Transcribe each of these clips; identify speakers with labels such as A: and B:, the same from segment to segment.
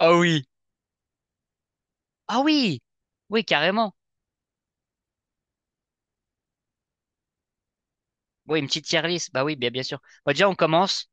A: Ah oui. Ah oui. Oui, carrément. Oui, une petite tier list. Bah oui, bien sûr. Bah, déjà, on commence.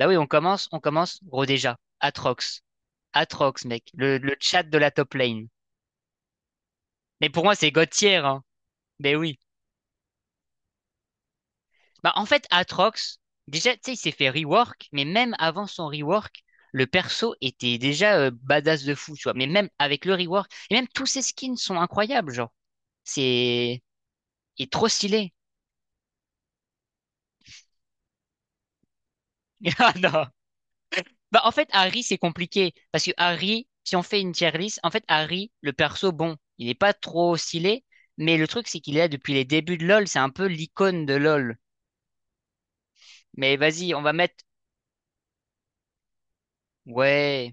A: Bah oui, on commence. Gros déjà. Atrox. Atrox, mec. Le chat de la top lane. Mais pour moi, c'est God tier, hein. Mais oui. Bah en fait, Atrox, déjà, tu sais, il s'est fait rework, mais même avant son rework, le perso était déjà badass de fou, tu vois. Mais même avec le rework, et même tous ses skins sont incroyables, genre. C'est. Il est trop stylé. Ah non. Bah, en fait, Harry, c'est compliqué. Parce que Harry, si on fait une tier list, en fait, Harry, le perso, bon, il n'est pas trop stylé. Mais le truc, c'est qu'il est là depuis les débuts de LoL. C'est un peu l'icône de LoL. Mais vas-y, on va mettre. Ouais.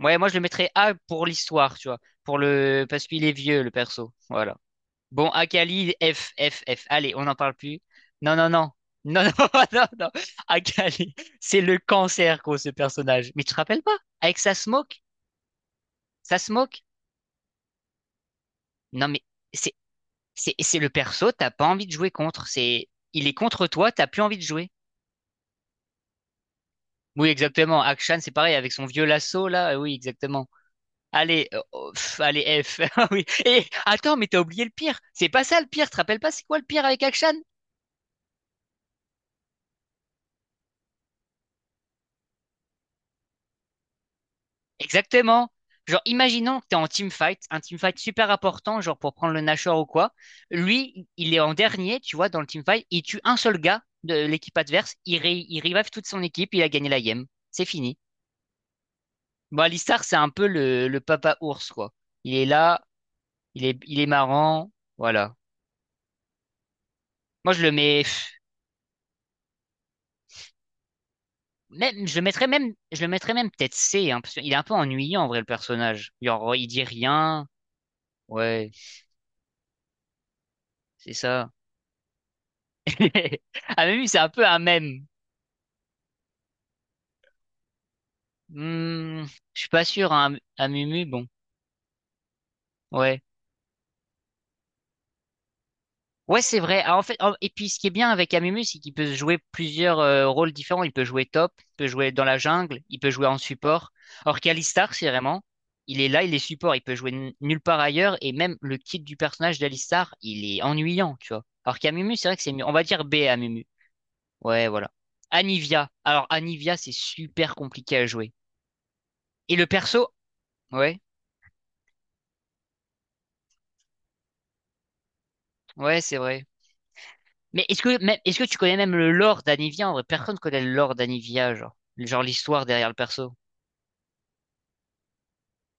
A: Ouais, moi, je le mettrais A pour l'histoire, tu vois. Pour le... Parce qu'il est vieux, le perso. Voilà. Bon, Akali, F, F, F. Allez, on n'en parle plus. Non, non, non. Non, non, non, non. Akali, c'est le cancer, gros, ce personnage. Mais tu te rappelles pas? Avec sa smoke? Sa smoke? Non, mais. C'est le perso, t'as pas envie de jouer contre. C'est il est contre toi, t'as plus envie de jouer. Oui, exactement. Akshan, c'est pareil avec son vieux lasso là. Oui, exactement. Allez, oh, pff, allez F. Ah Oui. Et attends, mais t'as oublié le pire. C'est pas ça le pire. Tu te rappelles pas c'est quoi le pire avec Akshan? Exactement. Genre, imaginons que t'es en team fight, un team fight super important, genre pour prendre le Nashor ou quoi. Lui, il est en dernier, tu vois, dans le team fight. Il tue un seul gars de l'équipe adverse. Il, ré- il revive toute son équipe. Il a gagné la game. C'est fini. Bon, Alistar, c'est un peu le papa ours, quoi. Il est là, il est marrant, voilà. Moi, je le mets, pff, je le mettrais même peut-être C, hein, parce qu'il est un peu ennuyant, en vrai, le personnage. Genre, il dit rien, ouais, c'est ça. Ah, Mumu, c'est un peu un mème. Hmm, je suis pas sûr, hein, à Mumu, bon, ouais. Ouais, c'est vrai. Ah, en fait, en- et puis ce qui est bien avec Amumu, c'est qu'il peut jouer plusieurs rôles différents. Il peut jouer top, il peut jouer dans la jungle, il peut jouer en support. Or qu'Alistar, c'est vraiment, il est là, il est support, il peut jouer n- nulle part ailleurs. Et même le kit du personnage d'Alistar, il est ennuyant, tu vois. Alors qu'Amumu, c'est vrai que c'est mieux. On va dire B à Amumu. Ouais, voilà. Anivia. Alors Anivia, c'est super compliqué à jouer. Et le perso, ouais, ouais, c'est vrai. Est-ce que tu connais même le lore d'Anivia en vrai? Personne connaît le lore d'Anivia, genre l'histoire derrière le perso.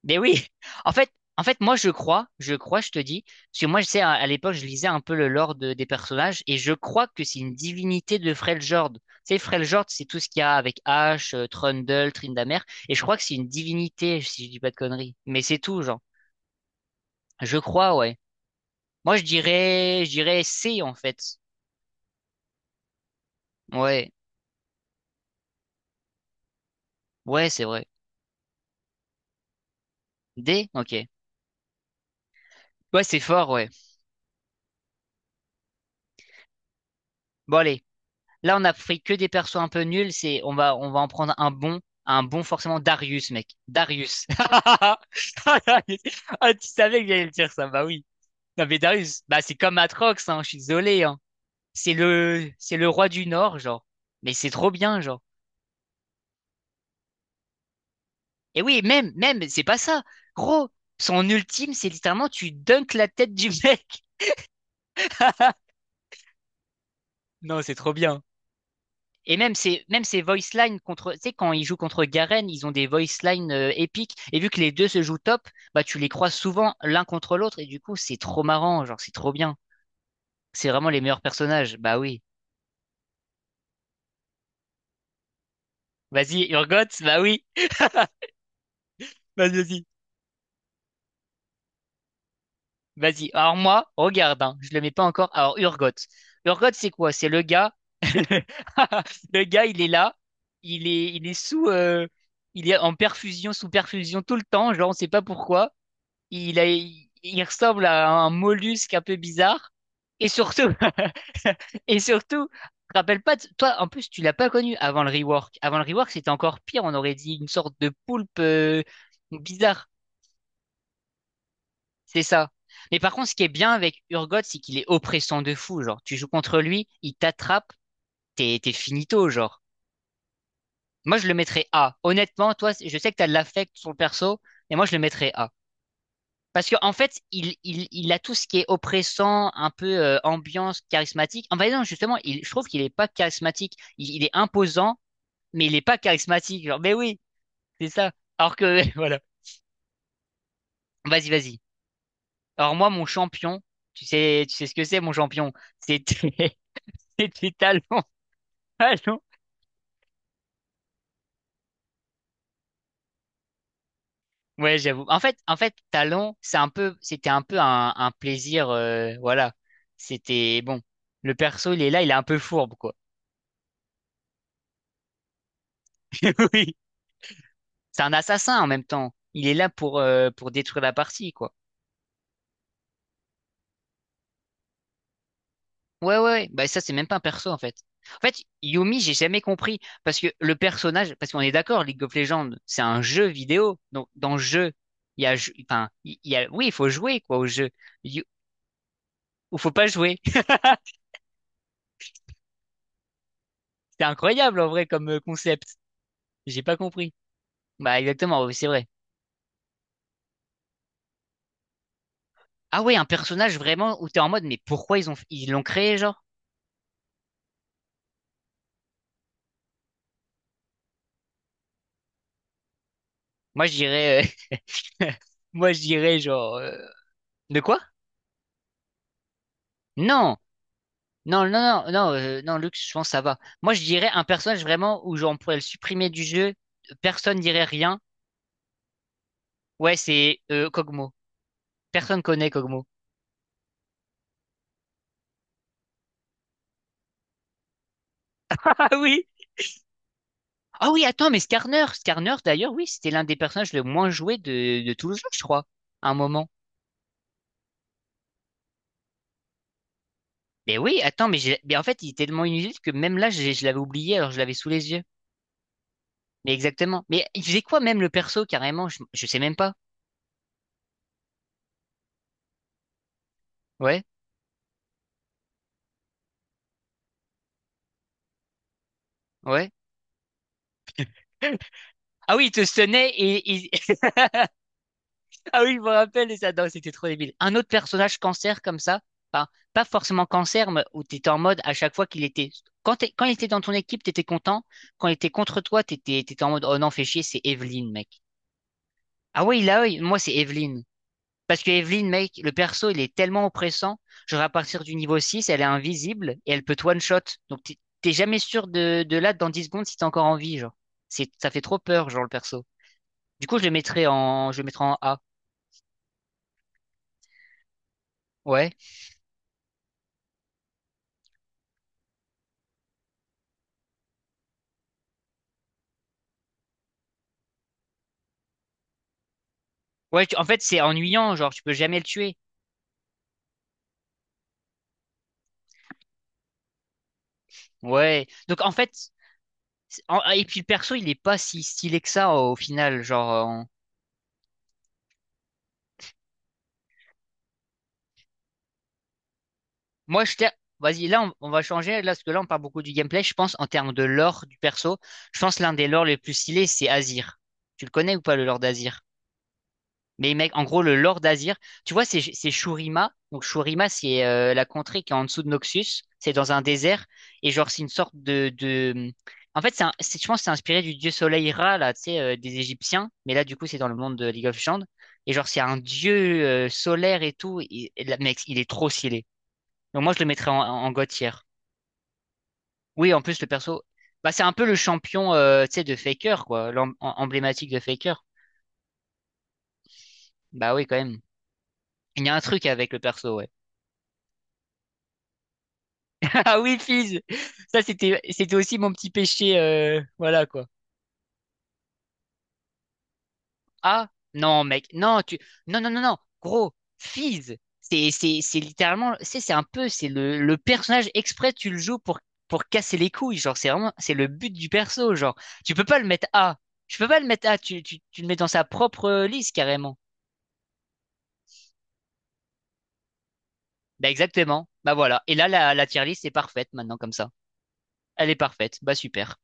A: Mais oui, en fait, en fait, moi je crois, je te dis, parce que moi je sais à l'époque je lisais un peu le lore de- des personnages et je crois que c'est une divinité de Freljord. Tu sais, Freljord, c'est tout ce qu'il y a avec Ash, Trundle, Tryndamere, et je crois que c'est une divinité si je dis pas de conneries. Mais c'est tout, genre. Je crois, ouais. Moi je dirais C en fait. Ouais, ouais, c'est vrai. D, ok. Ouais, c'est fort, ouais. Bon allez. Là, on a pris que des persos un peu nuls. C'est, on va en prendre un bon forcément Darius, mec. Darius. Ah, tu savais que j'allais le dire ça. Bah oui. Non, mais Darius, bah c'est comme Atrox, hein. Je suis désolé, hein. C'est le roi du Nord, genre. Mais c'est trop bien, genre. Et oui, c'est pas ça. Gros, son ultime, c'est littéralement tu dunkes la tête du mec. Non, c'est trop bien. Et même ces voice lines contre, tu sais, quand ils jouent contre Garen, ils ont des voice lines épiques. Et vu que les deux se jouent top, bah, tu les croises souvent l'un contre l'autre. Et du coup, c'est trop marrant. Genre, c'est trop bien. C'est vraiment les meilleurs personnages. Bah oui. Vas-y, Urgot. Bah oui. Vas-y, vas-y. Vas-y. Alors, moi, regarde, hein, je le mets pas encore. Alors, Urgot. Urgot, c'est quoi? C'est le gars. Le gars, il est là. Il est, il est en perfusion, sous perfusion tout le temps. Genre, on sait pas pourquoi. Il a, il ressemble à un mollusque un peu bizarre. Et surtout, et surtout, je te rappelle pas, de- toi, en plus, tu l'as pas connu avant le rework. Avant le rework, c'était encore pire. On aurait dit une sorte de poulpe bizarre. C'est ça. Mais par contre, ce qui est bien avec Urgot, c'est qu'il est oppressant de fou. Genre, tu joues contre lui, il t'attrape, t'es finito, genre. Moi, je le mettrais A. Honnêtement, toi, je sais que t'as de l'affect sur le perso, mais moi, je le mettrais A. Parce que en fait, il a tout ce qui est oppressant, un peu ambiance charismatique. En fait, non, justement, il, je trouve qu'il est pas charismatique. Il est imposant, mais il est pas charismatique. Genre, mais oui, c'est ça. Alors que voilà. Vas-y, vas-y. Alors moi, mon champion, tu sais ce que c'est, mon champion? C'était, c'était Talon. Talon. Ouais, j'avoue. En fait, Talon, c'est un peu, c'était un peu un plaisir. Voilà. C'était bon. Le perso, il est là, il est un peu fourbe, quoi. Oui. C'est un assassin en même temps. Il est là pour détruire la partie, quoi. Ouais. Bah, ça, c'est même pas un perso, en fait. En fait, Yumi, j'ai jamais compris. Parce que le personnage, parce qu'on est d'accord, League of Legends, c'est un jeu vidéo. Donc, dans le jeu, il y a, ju- enfin, il y a, oui, il faut jouer, quoi, au jeu. Il ou faut pas jouer. C'est incroyable, en vrai, comme concept. J'ai pas compris. Bah, exactement, oui, c'est vrai. Ah ouais, un personnage vraiment où t'es en mode, mais pourquoi ils ont, ils l'ont créé, genre? Moi, je dirais, euh, moi, je dirais, genre, de quoi? Non! Non, non, non, non, non, Lux, je pense que ça va. Moi, je dirais un personnage vraiment où genre, on pourrait le supprimer du jeu, personne dirait rien. Ouais, c'est Kog'Maw. Personne connaît Kog'Maw. Ah oui? Ah oui, attends, mais Skarner d'ailleurs, oui, c'était l'un des personnages le moins joué de tout le jeu, je crois, à un moment. Mais oui, attends, mais, j'ai- mais en fait, il était tellement inutile que même là, je l'avais oublié, alors je l'avais sous les yeux. Mais exactement. Mais il faisait quoi même le perso, carrément? Je sais même pas. Ouais, ouais. Ah oui, il te sonnait et il... Ah oui, je me rappelle, et ça, non, c'était trop débile. Un autre personnage cancer comme ça, enfin, pas forcément cancer, mais où t'étais en mode à chaque fois qu'il était. Quand, t'es- quand il était dans ton équipe, t'étais content. Quand il était contre toi, t'étais en mode oh non, fais chier, c'est Evelyn, mec. Ah oui, là, oui, moi, c'est Evelyn. Parce que Evelyn, mec, le perso, il est tellement oppressant. Genre, à partir du niveau 6, elle est invisible et elle peut te one-shot. Donc, t'es jamais sûr de là, dans 10 secondes, si t'es encore en vie, genre. C'est, ça fait trop peur, genre, le perso. Du coup, je le mettrais en A. Ouais. Ouais, tu- en fait, c'est ennuyant, genre, tu peux jamais le tuer. Ouais. Donc, en fait, c'est- en- et puis le perso, il est pas si stylé que ça au final. Genre, on- moi, je t'ai- Vas-y, là, on va changer, là, parce que là, on parle beaucoup du gameplay. Je pense, en termes de lore du perso, je pense l'un des lores les plus stylés, c'est Azir. Tu le connais ou pas, le lore d'Azir? Mais mec, en gros, le Lord Azir, tu vois, c'est Shurima. Donc Shurima, c'est la contrée qui est en dessous de Noxus. C'est dans un désert. Et genre, c'est une sorte de... En fait, c'est un- c'est- je pense que c'est inspiré du dieu soleil Ra, là, tu sais, des Égyptiens. Mais là, du coup, c'est dans le monde de League of Legends. Et genre, c'est un dieu solaire et tout. Et là, mec, il est trop stylé. Donc moi, je le mettrais en, en God tier. Oui, en plus, le perso... Bah, c'est un peu le champion, tu sais, de Faker, quoi. L'em- Emblématique de Faker. Bah oui, quand même. Il y a un truc avec le perso, ouais. Ah oui, Fizz. Ça, c'était, c'était aussi mon petit péché, voilà, quoi. Ah, non, mec, non, tu, non, non, non, non, gros, Fizz. C'est littéralement, c'est un peu, c'est le personnage exprès, tu le joues pour casser les couilles, genre, c'est vraiment, c'est le but du perso, genre. Tu peux pas le mettre A. Tu peux pas le mettre A, tu le mets dans sa propre liste, carrément. Bah, exactement. Bah, voilà. Et là, la tier list est parfaite, maintenant, comme ça. Elle est parfaite. Bah, super.